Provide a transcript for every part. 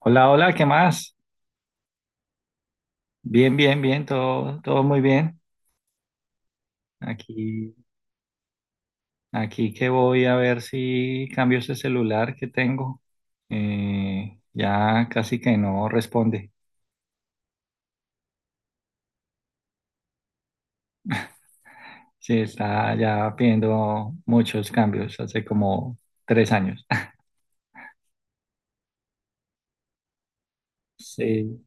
Hola, hola, ¿qué más? Bien, bien, bien, todo, todo muy bien. Aquí, aquí que voy a ver si cambio ese celular que tengo. Ya casi que no responde. Sí, está ya pidiendo muchos cambios, hace como 3 años. Sí,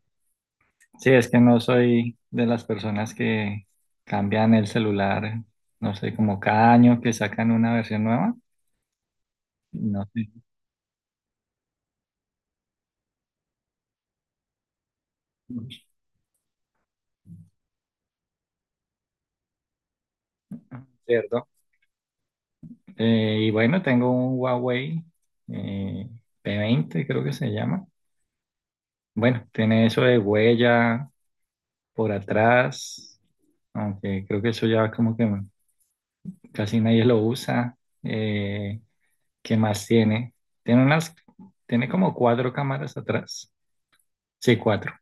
sí, es que no soy de las personas que cambian el celular, no sé, como cada año que sacan una versión nueva. No sé, ¿cierto? Y bueno, tengo un Huawei eh, P20 creo que se llama. Bueno, tiene eso de huella por atrás, aunque creo que eso ya como que casi nadie lo usa. ¿Qué más tiene? Tiene unas, Tiene como cuatro cámaras atrás. Sí, cuatro.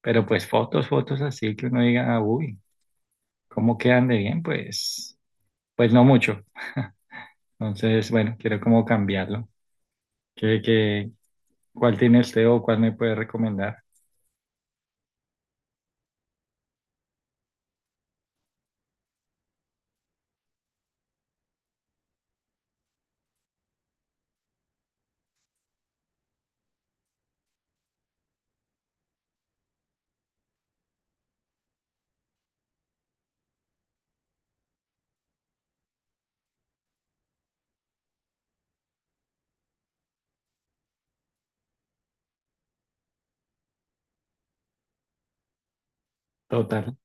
Pero pues fotos, fotos así que uno diga, "Ah, uy, ¿cómo quedan de bien?" Pues, pues no mucho. Entonces, bueno, quiero como cambiarlo. ¿Qué, qué, ¿Cuál tiene usted o cuál me puede recomendar? Total.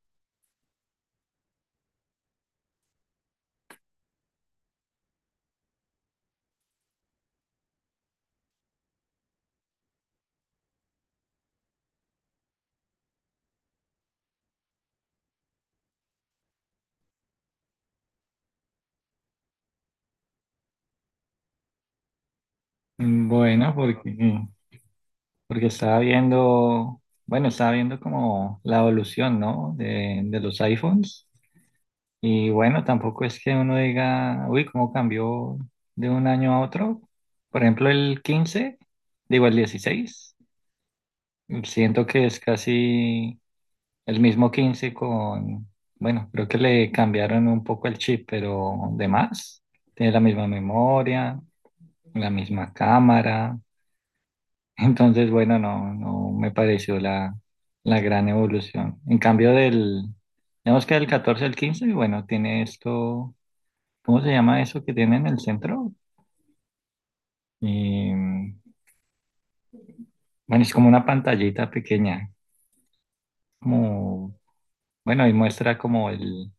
Mm, bueno, porque estaba viendo, bueno, estaba viendo como la evolución, ¿no? De los iPhones. Y bueno, tampoco es que uno diga, uy, cómo cambió de un año a otro. Por ejemplo, el 15, digo el 16, siento que es casi el mismo 15 con, bueno, creo que le cambiaron un poco el chip, pero de más. Tiene la misma memoria, la misma cámara. Entonces, bueno, no me pareció la gran evolución. Digamos que del 14 al 15, bueno, tiene esto, ¿cómo se llama eso que tiene en el centro? Y bueno, es como una pantallita pequeña, como, bueno, y muestra como el,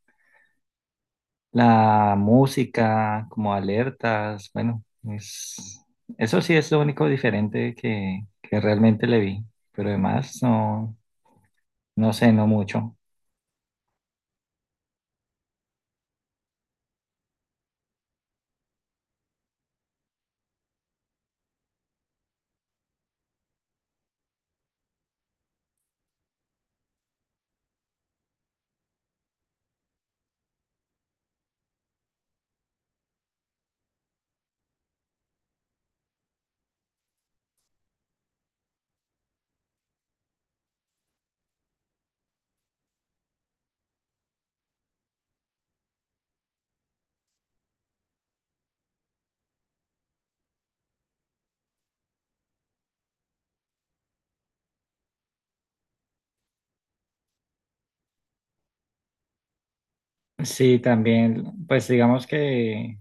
la música, como alertas, bueno, es, eso sí es lo único diferente que realmente le vi, pero además no, no sé, no mucho. Sí, también, pues digamos que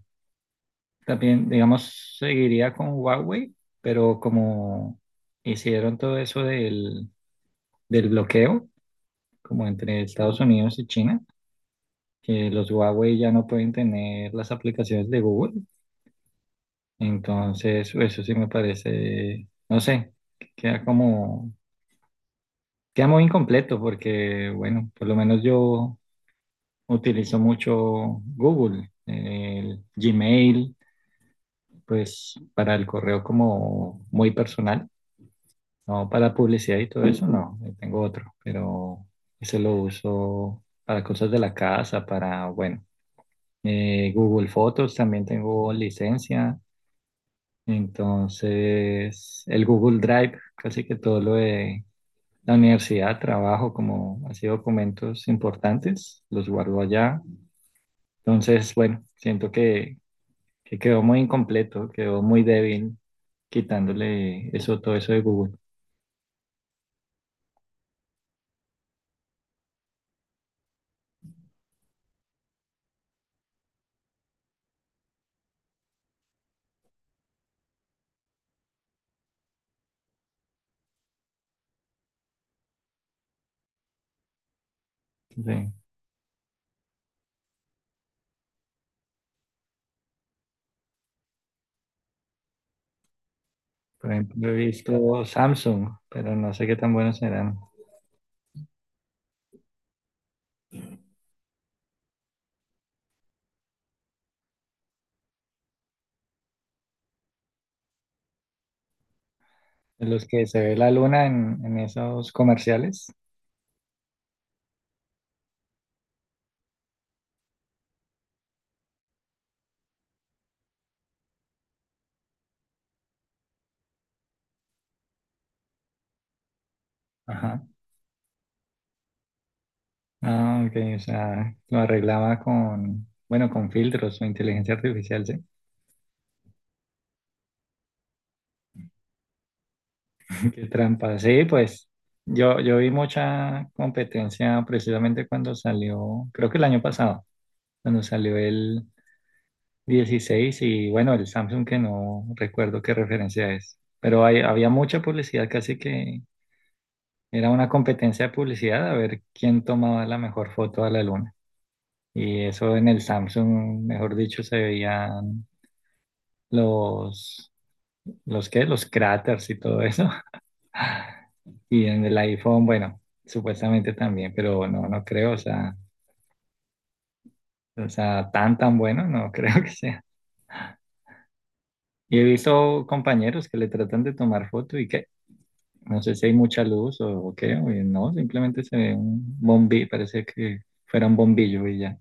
también, digamos, seguiría con Huawei, pero como hicieron todo eso del bloqueo, como entre Estados Unidos y China, que los Huawei ya no pueden tener las aplicaciones de Google, entonces eso sí me parece, no sé, que queda como, queda muy incompleto porque, bueno, por lo menos yo utilizo mucho Google, el Gmail. Pues para el correo como muy personal, no para publicidad y todo eso, no, yo tengo otro, pero ese lo uso para cosas de la casa, para, bueno, Google Fotos también tengo licencia, entonces el Google Drive, casi que todo lo de la universidad, trabajo como así documentos importantes, los guardo allá, entonces, bueno, siento que quedó muy incompleto, quedó muy débil quitándole eso, todo eso de Google. Sí. Por ejemplo, he visto Samsung, pero no sé qué tan buenos serán. De los que se ve la luna en esos comerciales. Ajá. Ah, ok, o sea, lo arreglaba con, bueno, con filtros o inteligencia artificial, sí. Qué trampa. Sí, pues yo vi mucha competencia precisamente cuando salió, creo que el año pasado, cuando salió 16 y bueno, el Samsung que no recuerdo qué referencia es, pero había mucha publicidad, casi que era una competencia de publicidad a ver quién tomaba la mejor foto a la luna. Y eso en el Samsung, mejor dicho, se veían los, los qué, los cráteres y todo eso. Y en el iPhone, bueno, supuestamente también, pero no, no creo, o sea, tan bueno, no creo que sea. Y he visto compañeros que le tratan de tomar foto y que no sé si hay mucha luz o qué, o no, simplemente se ve un bombillo, parece que fuera un bombillo y ya.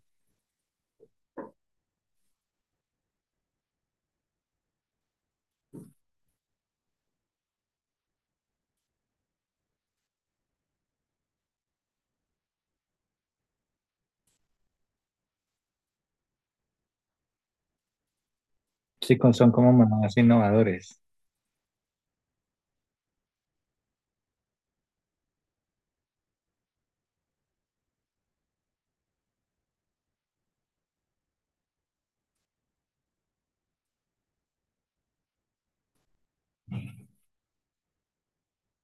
Sí, son como más innovadores.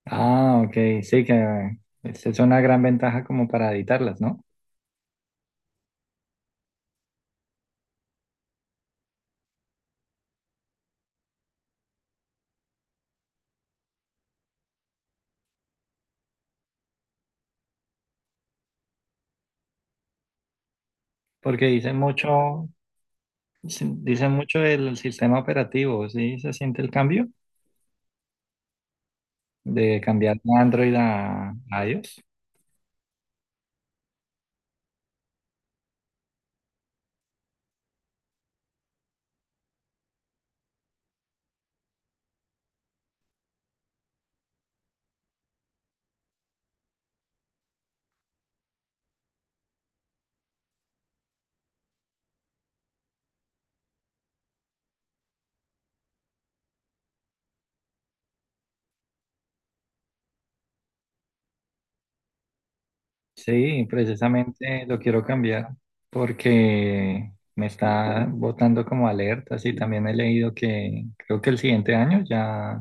Ah, ok, sí, que esa es una gran ventaja como para editarlas, ¿no? Porque dicen mucho, Dicen mucho del sistema operativo, ¿sí? ¿Se siente el cambio de cambiar de Android a iOS? Sí, precisamente lo quiero cambiar porque me está botando como alertas y también he leído que creo que el siguiente año ya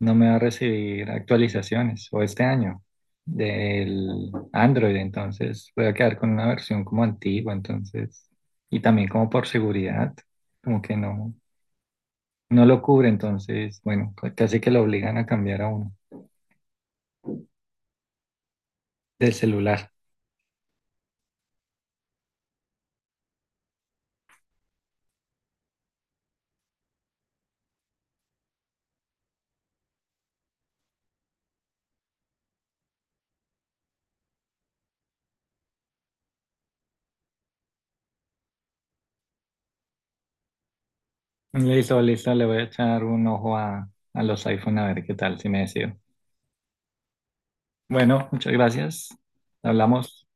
no me va a recibir actualizaciones o este año del Android, entonces voy a quedar con una versión como antigua, entonces, y también como por seguridad, como que no, no lo cubre, entonces, bueno, casi que lo obligan a cambiar a uno del celular. Listo, listo, le voy a echar un ojo a los iPhone a ver qué tal, si me decido. Bueno, muchas gracias. Hablamos.